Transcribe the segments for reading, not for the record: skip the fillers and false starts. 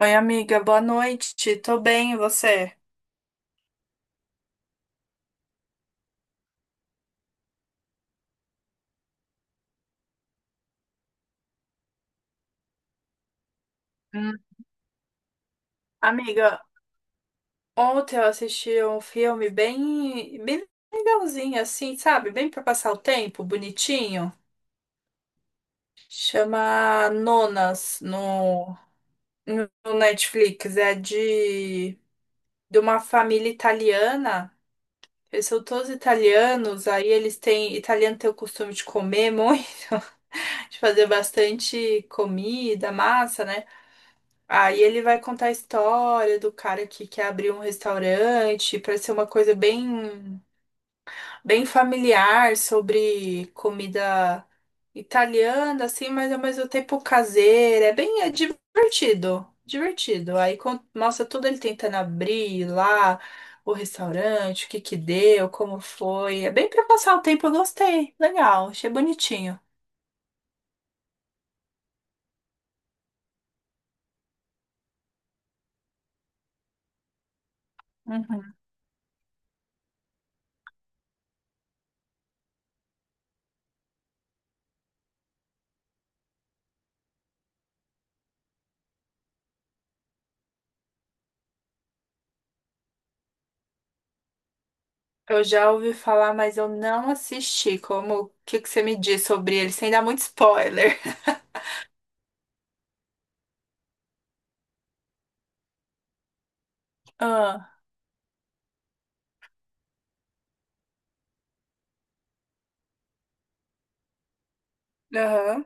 Oi, amiga, boa noite. Tô bem, e você? Hum, Amiga, ontem eu assisti um filme bem legalzinho, assim, sabe? Bem pra passar o tempo, bonitinho. Chama Nonas no Netflix. É de uma família italiana. Eles são todos italianos, aí eles têm. Italiano tem o costume de comer muito, de fazer bastante comida, massa, né? Aí ele vai contar a história do cara que quer abrir um restaurante para ser uma coisa bem familiar sobre comida italiana, assim, mas ao mesmo tempo caseira. É bem é divertido, divertido. Mostra tudo ele tentando abrir lá o restaurante, o que que deu, como foi. É bem para passar o tempo, eu gostei. Legal, achei bonitinho. Uhum. Eu já ouvi falar, mas eu não assisti. O que que você me diz sobre ele, sem dar muito spoiler? Ah, aham,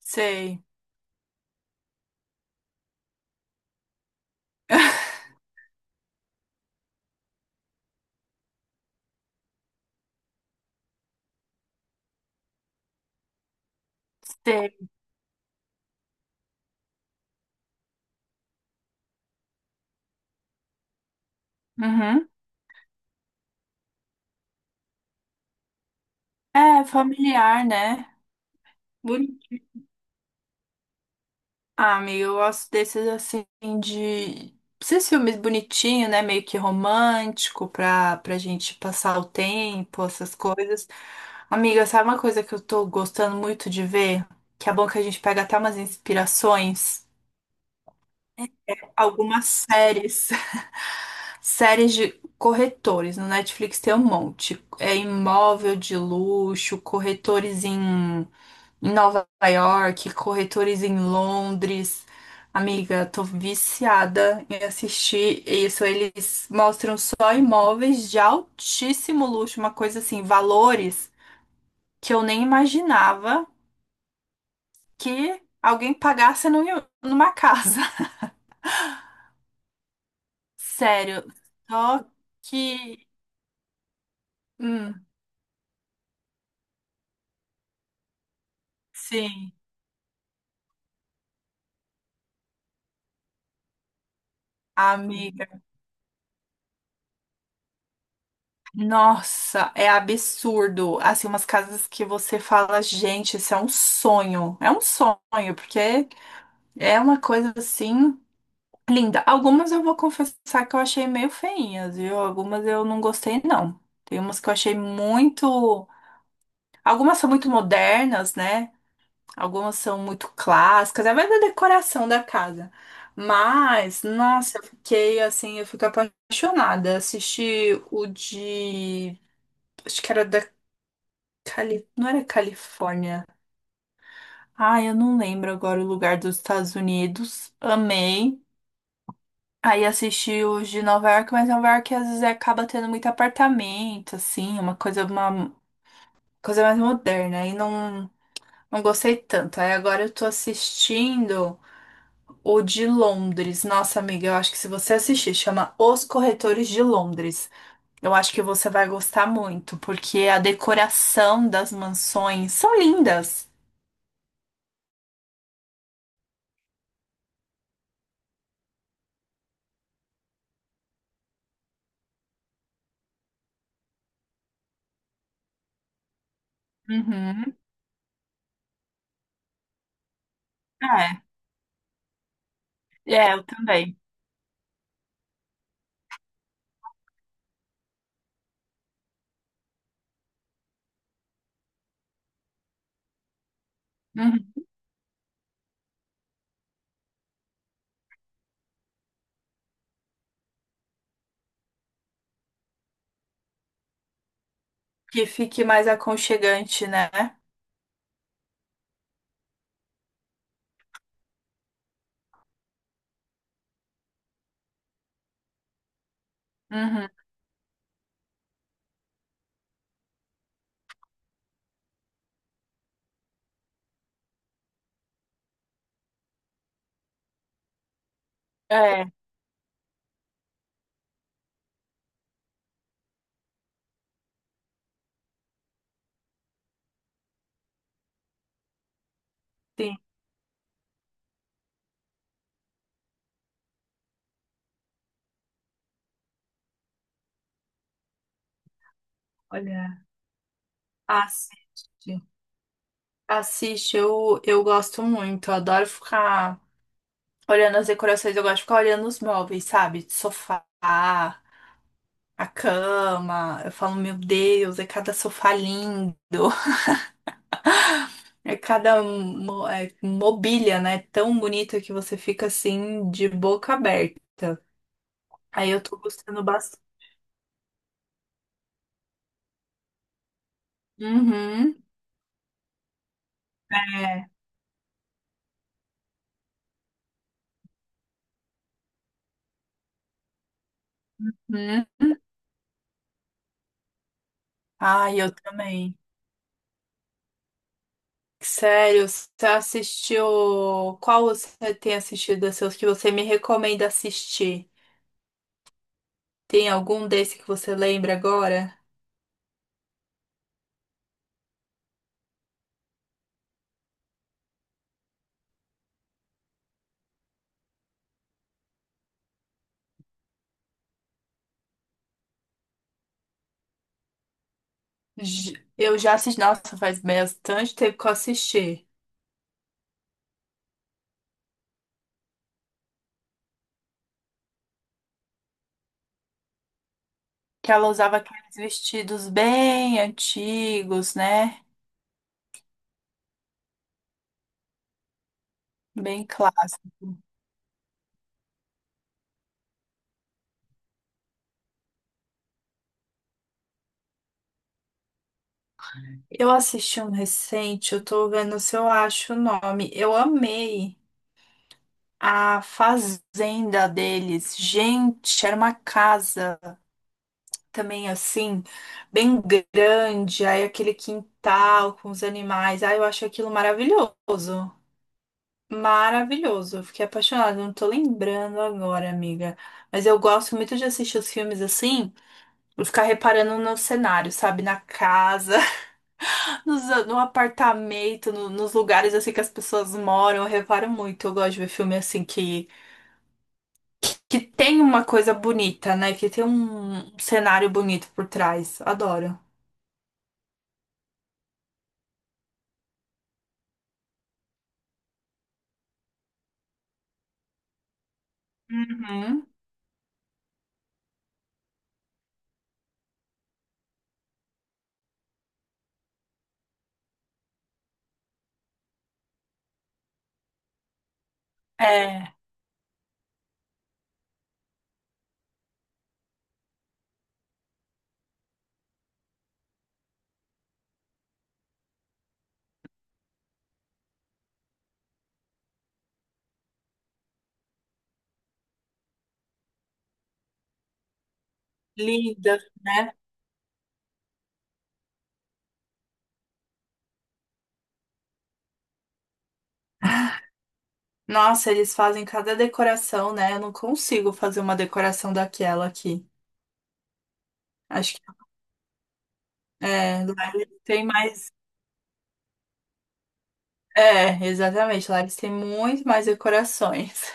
sei. Sei. Uhum. É familiar, né? Boni- Ah, amiga, eu gosto desses assim de esses filmes bonitinhos, né? Meio que romântico pra gente passar o tempo, essas coisas. Amiga, sabe uma coisa que eu tô gostando muito de ver? Que é bom que a gente pega até umas inspirações. Algumas séries. Séries de corretores. No Netflix tem um monte. É imóvel de luxo, em Nova York, corretores em Londres. Amiga, tô viciada em assistir isso. Eles mostram só imóveis de altíssimo luxo, uma coisa assim, valores que eu nem imaginava que alguém pagasse numa casa. Sério, só que hum, sim, amiga. Nossa, é absurdo. Assim, umas casas que você fala, gente, isso é um sonho. É um sonho, porque é uma coisa assim linda. Algumas eu vou confessar que eu achei meio feinhas, viu? Algumas eu não gostei, não. Tem umas que eu achei muito. Algumas são muito modernas, né? Algumas são muito clássicas, é mais da decoração da casa. Mas, nossa, eu fiquei assim, eu fico apaixonada. Assisti o de. Acho que era da Cali... Não era Califórnia. Ah, eu não lembro agora o lugar dos Estados Unidos. Amei. Aí assisti os de Nova York, mas Nova York às vezes acaba tendo muito apartamento, assim, uma coisa mais moderna. Não gostei tanto. Aí agora eu tô assistindo o de Londres. Nossa, amiga, eu acho que se você assistir, chama Os Corretores de Londres. Eu acho que você vai gostar muito, porque a decoração das mansões são lindas. Uhum. É, eu também. Uhum. Que fique mais aconchegante, né? Uhum. É, sim. Olha, assiste. Assiste, eu gosto muito. Eu adoro ficar olhando as decorações, eu gosto de ficar olhando os móveis, sabe? De sofá. A cama, eu falo, meu Deus, é cada sofá lindo, mobília, né? Tão bonita que você fica assim, de boca aberta. Aí eu tô gostando bastante. Uhum, é. Hum. Ai, eu também. Sério, você assistiu. Qual você tem assistido desses que você me recomenda assistir? Tem algum desse que você lembra agora? Eu já assisti. Nossa, faz bastante tempo que eu assisti, que ela usava aqueles vestidos bem antigos, né? Bem clássicos. Eu assisti um recente, eu tô vendo se eu acho o nome. Eu amei a fazenda deles. Gente, era uma casa também assim, bem grande, aí aquele quintal com os animais. Ai, eu acho aquilo maravilhoso. Maravilhoso, eu fiquei apaixonada, não tô lembrando agora, amiga. Mas eu gosto muito de assistir os filmes assim. Ficar reparando no cenário, sabe? Na casa, no apartamento, nos lugares assim que as pessoas moram. Eu reparo muito. Eu gosto de ver filme assim que tem uma coisa bonita, né? Que tem um cenário bonito por trás. Adoro. Uhum. É, linda, né? Nossa, eles fazem cada decoração, né? Eu não consigo fazer uma decoração daquela aqui. Acho que é, lá eles têm mais. É, exatamente. Lá eles têm muito mais decorações.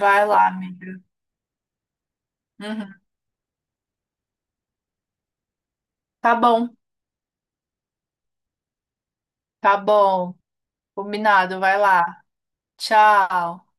Vai lá, amiga. Uhum. Tá bom, tá bom. Combinado, vai lá. Tchau.